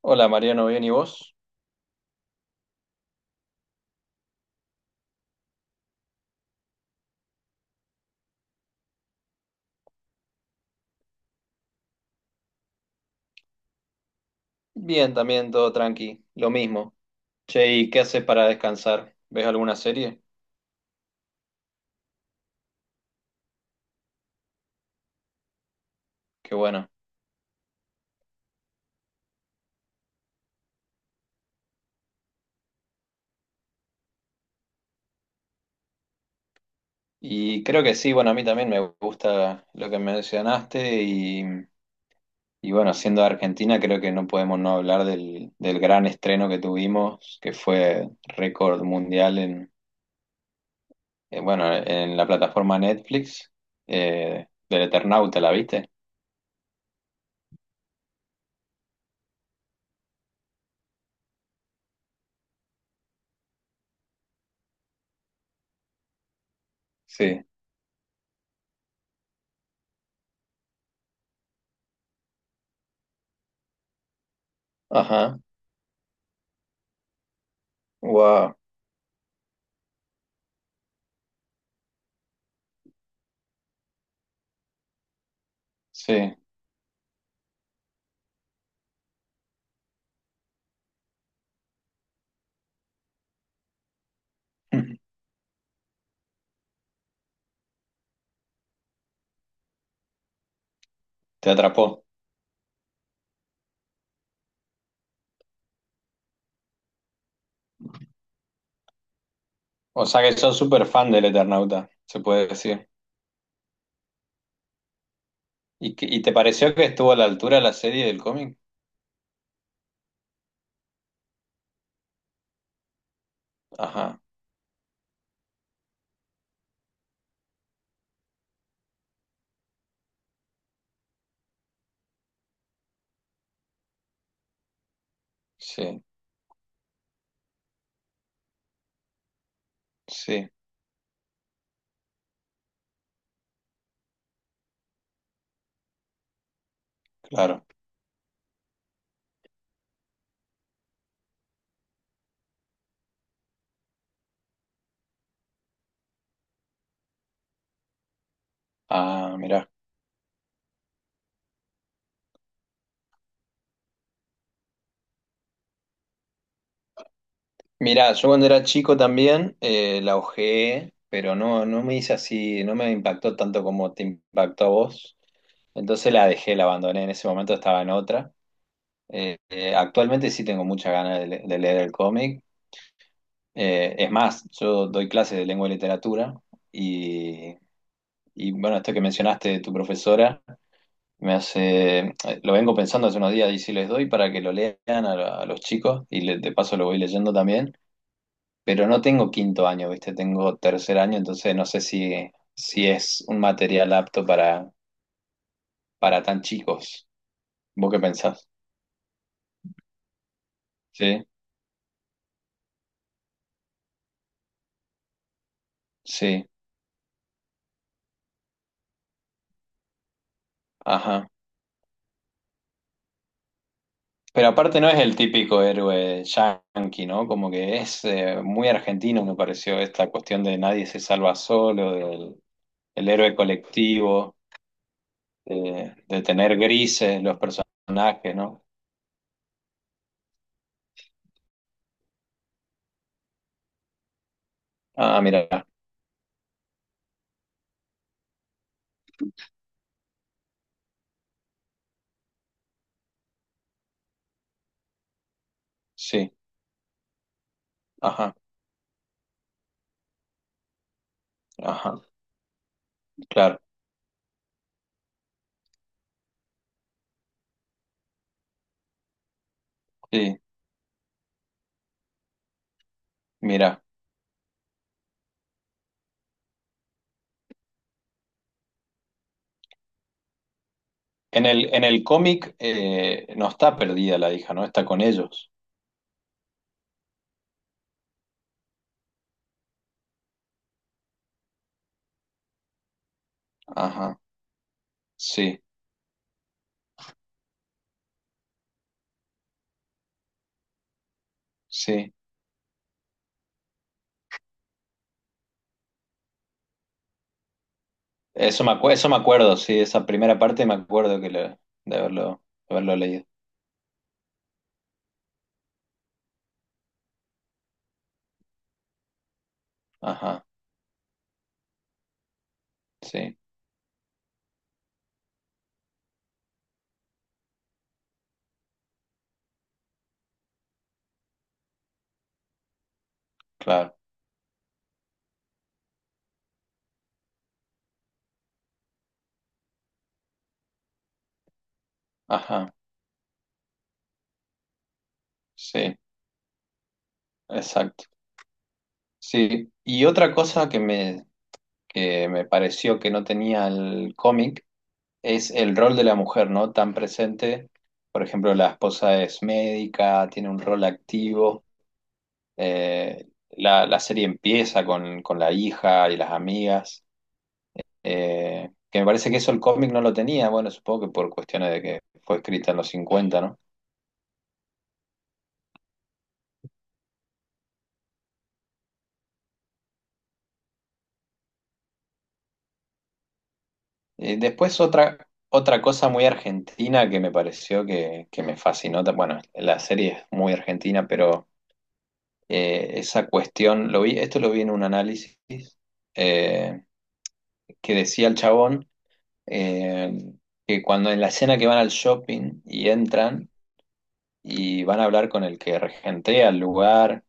Hola Mariano, ¿bien y vos? Bien, también todo tranqui, lo mismo. Che, ¿y qué haces para descansar? ¿Ves alguna serie? Qué bueno. Y creo que sí, bueno, a mí también me gusta lo que mencionaste y bueno, siendo de Argentina creo que no podemos no hablar del gran estreno que tuvimos, que fue récord mundial bueno, en la plataforma Netflix, del Eternauta, ¿la viste? Sí. Ajá, wow, sí, te atrapó. O sea que sos súper fan del Eternauta, se puede decir. ¿Y te pareció que estuvo a la altura la serie del cómic? Ajá, sí, sí, claro. Ah, mirá. Mirá, yo cuando era chico también la ojeé, pero no, no me hice así, no me impactó tanto como te impactó a vos. Entonces la dejé, la abandoné. En ese momento estaba en otra. Actualmente sí tengo muchas ganas de leer el cómic. Es más, yo doy clases de lengua y literatura. Y Y bueno, esto que mencionaste de tu profesora me hace, lo vengo pensando hace unos días y si les doy para que lo lean a los chicos y de paso lo voy leyendo también, pero no tengo quinto año, ¿viste? Tengo tercer año, entonces no sé si es un material apto para tan chicos. ¿Vos qué pensás? Sí, sí, ajá. Pero aparte no es el típico héroe yanqui, ¿no? Como que es muy argentino, me pareció, esta cuestión de nadie se salva solo, del el héroe colectivo. De tener grises los personajes, ¿no? Ah, mira, sí, ajá, ajá, claro, sí, mira. En el cómic, no está perdida la hija, ¿no? Está con ellos. Ajá, sí, sí. Eso me acuerdo, sí, esa primera parte me acuerdo de haberlo, de haberlo leído. Ajá, sí, claro, ajá, sí, exacto. Sí, y otra cosa que me pareció que no tenía el cómic es el rol de la mujer, ¿no? Tan presente. Por ejemplo, la esposa es médica, tiene un rol activo. La serie empieza con la hija y las amigas. Que me parece que eso el cómic no lo tenía. Bueno, supongo que por cuestiones de que fue escrita en los 50, ¿no? Después otra cosa muy argentina que me pareció que me fascinó. Bueno, la serie es muy argentina, pero esa cuestión, lo vi, esto lo vi en un análisis. eh, que decía el chabón, eh, que cuando en la escena que van al shopping y entran y van a hablar con el que regentea el lugar,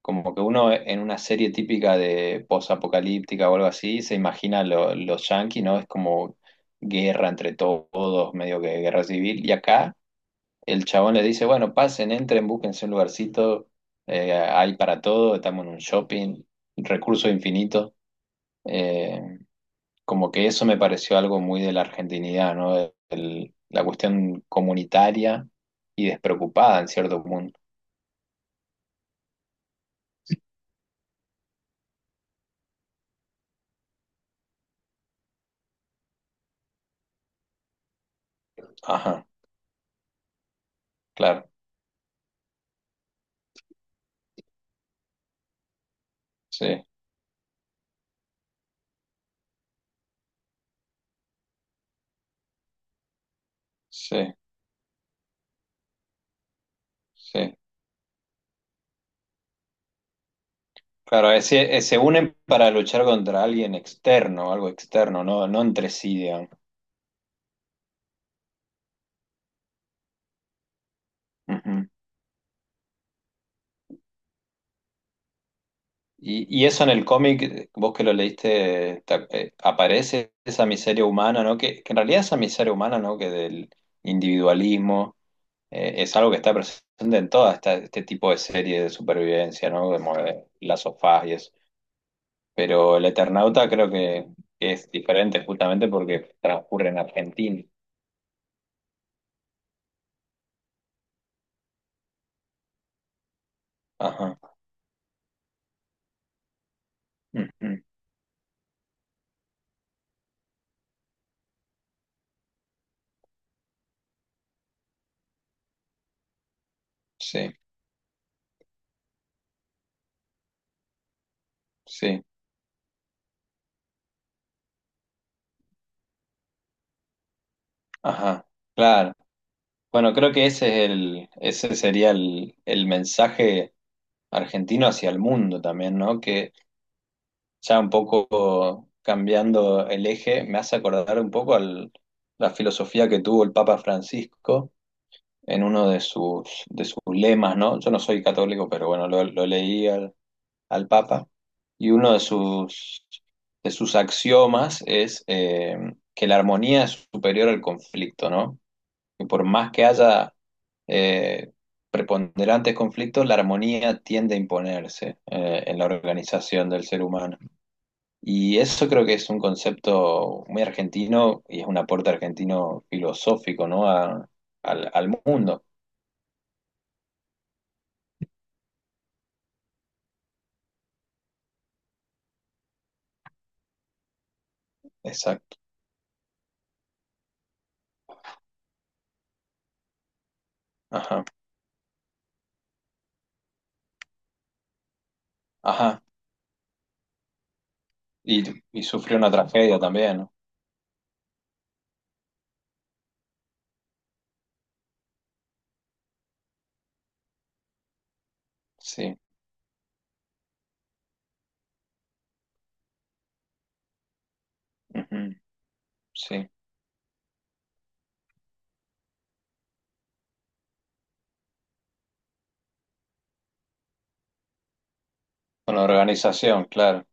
como que uno en una serie típica de posapocalíptica o algo así se imagina los yanquis, ¿no? Es como guerra entre todos, medio que guerra civil. Y acá el chabón le dice, bueno, pasen, entren, búsquense un lugarcito, hay para todo, estamos en un shopping, recursos infinitos. Como que eso me pareció algo muy de la argentinidad, ¿no? La cuestión comunitaria y despreocupada en cierto punto. Ajá, claro, sí, sí, sí. Claro, sí, se unen para luchar contra alguien externo, algo externo, no, no entre sí, digamos. Ujú. Y eso en el cómic, vos que lo leíste, aparece esa miseria humana, ¿no? Que en realidad esa miseria humana, ¿no? Que del individualismo es algo que está presente en toda este tipo de series de supervivencia, ¿no? Como de las sofás y eso. Pero el Eternauta creo que es diferente justamente porque transcurre en Argentina. Ajá. Ujú. Sí, sí. Ajá. Claro. Bueno, creo que ese es ese sería el mensaje argentino hacia el mundo también, ¿no? Que ya un poco cambiando el eje, me hace acordar un poco la filosofía que tuvo el Papa Francisco en uno de sus lemas, ¿no? Yo no soy católico, pero bueno, lo leí al Papa, y uno de sus axiomas es que la armonía es superior al conflicto, ¿no? Que por más que haya eh, preponderantes conflictos, la armonía tiende a imponerse en la organización del ser humano. Y eso creo que es un concepto muy argentino y es un aporte argentino filosófico, ¿no? Al mundo. Exacto. Ajá, ajá. Y, y sufrió una tragedia también, ¿no? Sí, ujú, sí. Con la organización, claro.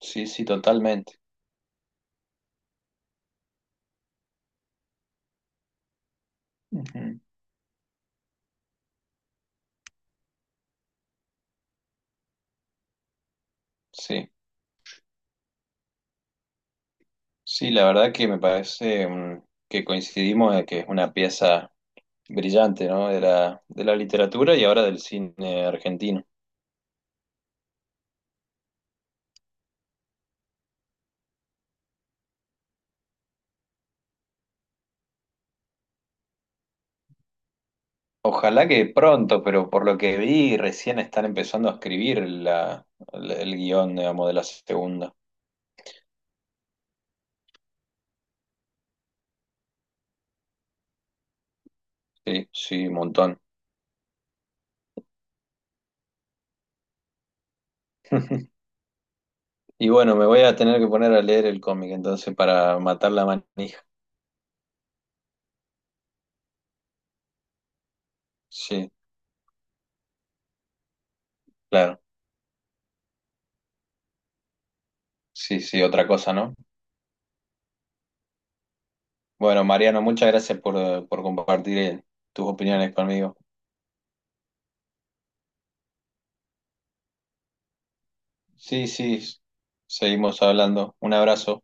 Sí, sí, totalmente. Ujú, sí, sí, la verdad que me parece, que coincidimos en que es una pieza brillante, ¿no? De la literatura y ahora del cine argentino. Ojalá que pronto, pero por lo que vi, recién están empezando a escribir el guión, digamos, de la segunda. Sí, sí, un montón. Y bueno, me voy a tener que poner a leer el cómic entonces para matar la manija. Sí, claro. Sí, sí, otra cosa, ¿no? Bueno, Mariano, muchas gracias por compartir tus opiniones conmigo. Sí, sí, seguimos hablando. Un abrazo.